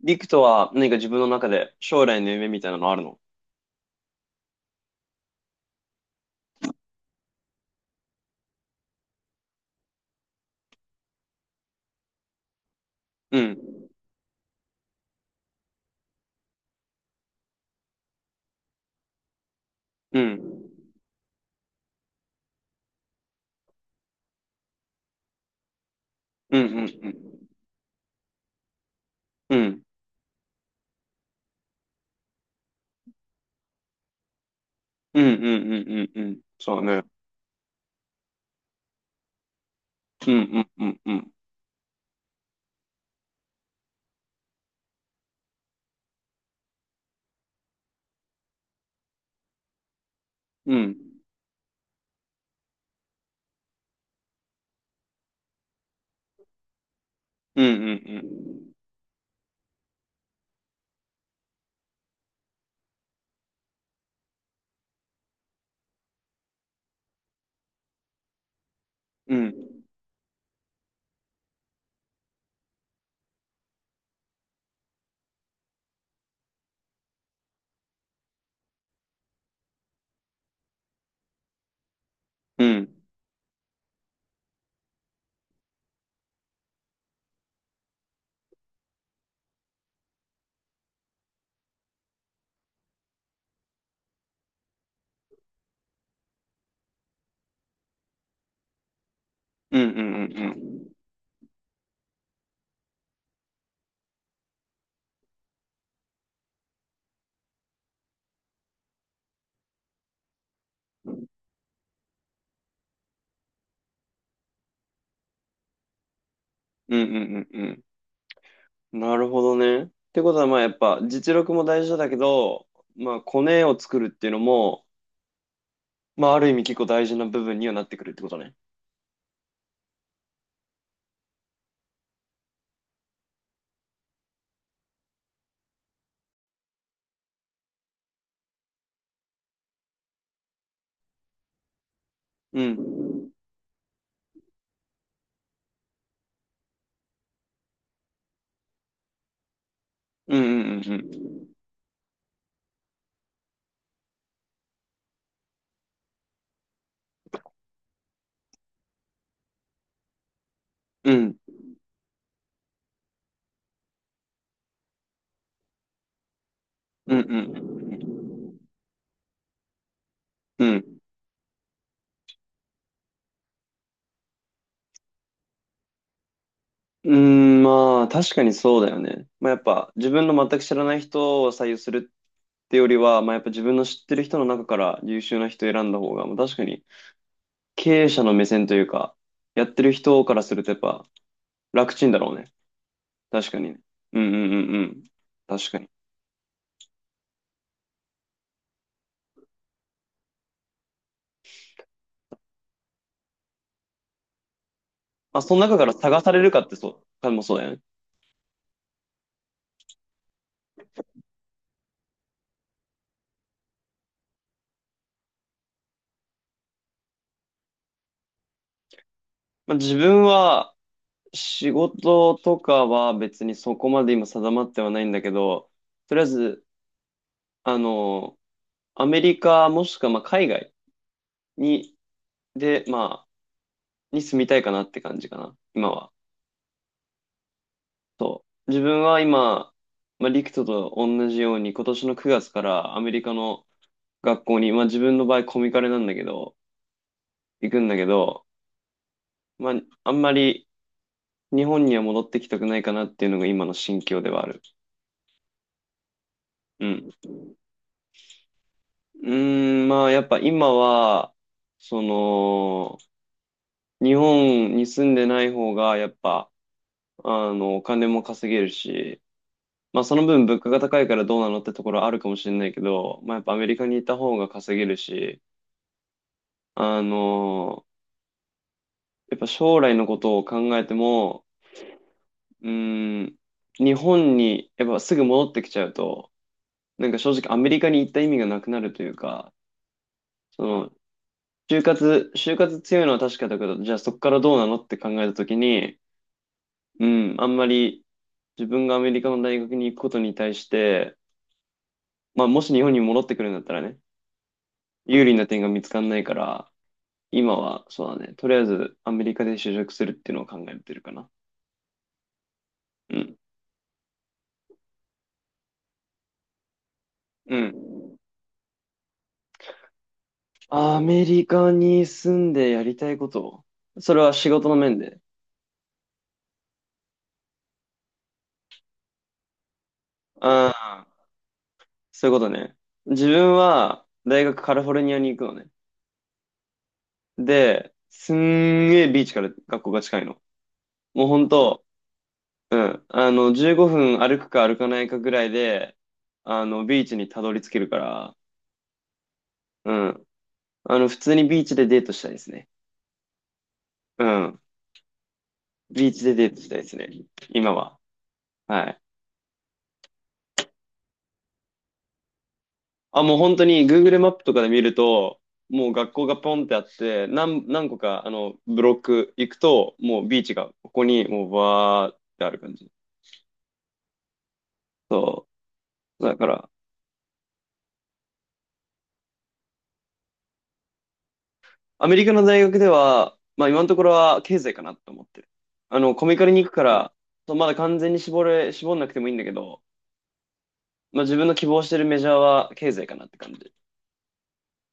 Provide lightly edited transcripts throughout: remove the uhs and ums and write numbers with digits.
リクとは何か自分の中で将来の夢みたいなのあるの？うん。うん。うんうんうん。うん。うんうんうんうんうん。そうね。うんうんうんうん。うん。うんうんうん。うん。うんうんうんうん。うんうんうんうん。なるほどね。ってことはまあやっぱ実力も大事だけど、まあコネを作るっていうのも、まあある意味結構大事な部分にはなってくるってことね。うん。うんうんうんうん。うん。うんうんうん。うんうーん、まあ、確かにそうだよね。まあ、やっぱ、自分の全く知らない人を採用するってよりは、まあ、やっぱ自分の知ってる人の中から優秀な人を選んだ方が、まあ、確かに、経営者の目線というか、やってる人からするとやっぱ、楽ちんだろうね。確かにね。うんうんうんうん。確かに。まあ、その中から探されるかってそう、かもそうだよね。まあ、自分は、仕事とかは別にそこまで今定まってはないんだけど、とりあえず、あの、アメリカもしくはまあ海外、に、で、まあ、に住みたいかなって感じかな、今は。そう。自分は今、まあ、リクトと同じように、今年の9月からアメリカの学校に、まあ自分の場合コミカレなんだけど、行くんだけど、まあ、あんまり日本には戻ってきたくないかなっていうのが今の心境ではある。うん。うーん、まあやっぱ今は、その、日本に住んでない方が、やっぱ、お金も稼げるし、まあその分物価が高いからどうなのってところあるかもしれないけど、まあやっぱアメリカにいた方が稼げるし、あのやっぱ将来のことを考えても、うーん、日本にやっぱすぐ戻ってきちゃうと、なんか正直アメリカに行った意味がなくなるというか、その、就活強いのは確かだけど、じゃあそこからどうなのって考えたときに、うん、あんまり自分がアメリカの大学に行くことに対して、まあもし日本に戻ってくるんだったらね、有利な点が見つかんないから、今は、そうだね。とりあえず、アメリカで就職するっていうのを考えてるかな。うん。うん。アメリカに住んでやりたいこと？それは仕事の面で？ああ、そういうことね。自分は、大学カリフォルニアに行くのね。で、すんげえビーチから学校が近いの。もうほんと、うん。15分歩くか歩かないかぐらいで、ビーチにたどり着けるから、うん。普通にビーチでデートしたいですね。うん。ビーチでデートしたいですね。今は。はい。あ、もう本当に Google マップとかで見ると、もう学校がポンってあって、何個か、ブロック行くと、もうビーチがここにもうバーってある感じ。そう。だから、アメリカの大学では、まあ今のところは経済かなと思ってる。コミカルに行くから、そうまだ完全に絞んなくてもいいんだけど、まあ自分の希望してるメジャーは経済かなって感じ。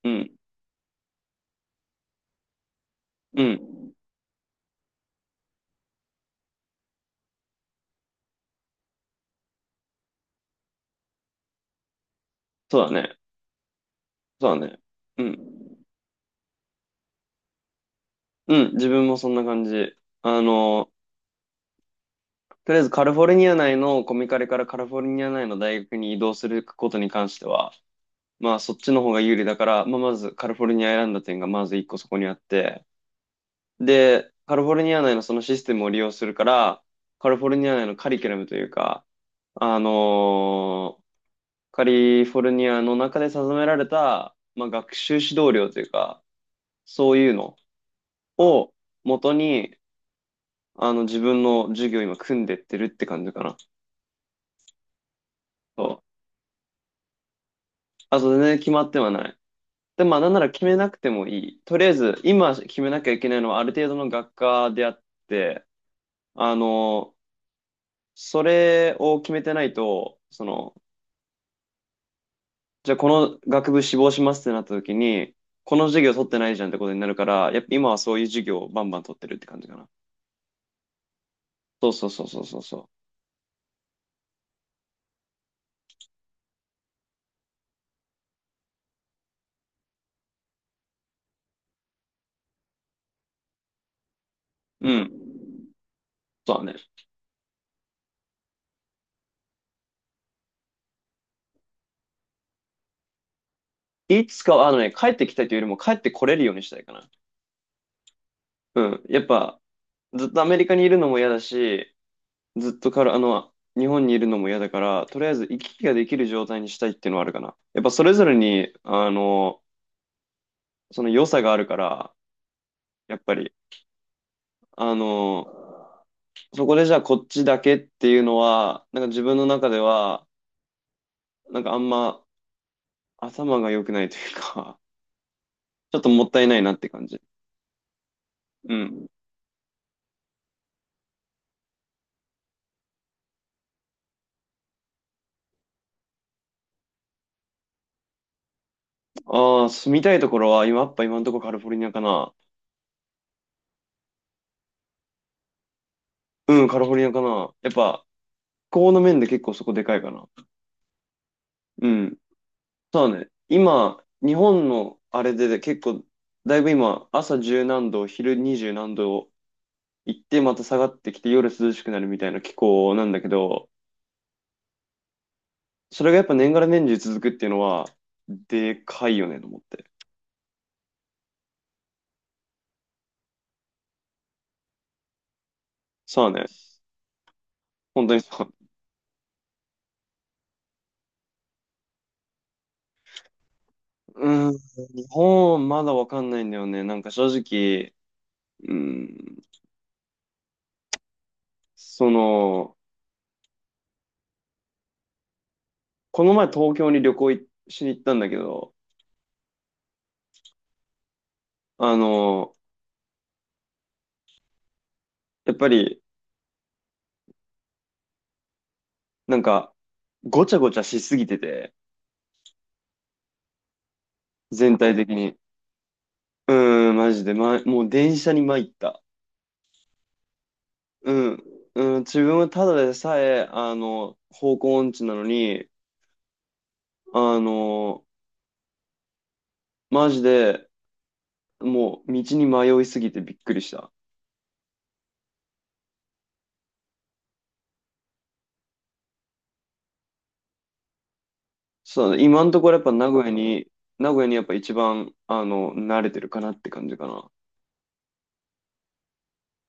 うん。うん。そうだね。そうだね。うん。うん、自分もそんな感じ。あの、とりあえずカリフォルニア内のコミカレからカリフォルニア内の大学に移動することに関しては、まあそっちの方が有利だから、まあまずカリフォルニア選んだ点がまず一個そこにあって、で、カリフォルニア内のそのシステムを利用するから、カリフォルニア内のカリキュラムというか、あのーカリフォルニアの中で定められた、まあ、学習指導料というか、そういうのを元に、自分の授業を今組んでってるって感じかな。そう。あと全然決まってはない。で、まあ、なんなら決めなくてもいい。とりあえず、今決めなきゃいけないのはある程度の学科であって、あの、それを決めてないと、じゃあこの学部志望しますってなった時に、この授業取ってないじゃんってことになるから、やっぱ今はそういう授業をバンバン取ってるって感じかな。そうそうそうそうそうそう。うん。そうだね。いつかは、帰ってきたいというよりも帰ってこれるようにしたいかな。うん。やっぱ、ずっとアメリカにいるのも嫌だし、ずっとから、日本にいるのも嫌だから、とりあえず行き来ができる状態にしたいっていうのはあるかな。やっぱそれぞれに、その良さがあるから、やっぱり、あの、そこでじゃあこっちだけっていうのは、なんか自分の中では、なんかあんま頭が良くないというか、ちょっともったいないなって感じ。うん。ああ、住みたいところは、今、やっぱ今のところカリフォルニアかな。うん、カリフォルニアかな。やっぱ、気候の面で結構そこでかいかな。うん。そうだね。今、日本のあれで結構、だいぶ今、朝十何度、昼二十何度行って、また下がってきて、夜涼しくなるみたいな気候なんだけど、それがやっぱ年がら年中続くっていうのは、でかいよねと思って。そうだね。本当にそう。うーん、日本まだわかんないんだよね。なんか正直、うーん、その、この前東京に旅行いしに行ったんだけど、あの、やっぱり、なんか、ごちゃごちゃしすぎてて、全体的に。うーん、マジで、もう電車に参った。うん、うん、自分はただでさえ、方向音痴なのに、あの、マジで、もう道に迷いすぎてびっくりした。そうだね、今のところやっぱ名古屋にやっぱ一番、慣れてるかなって感じかな。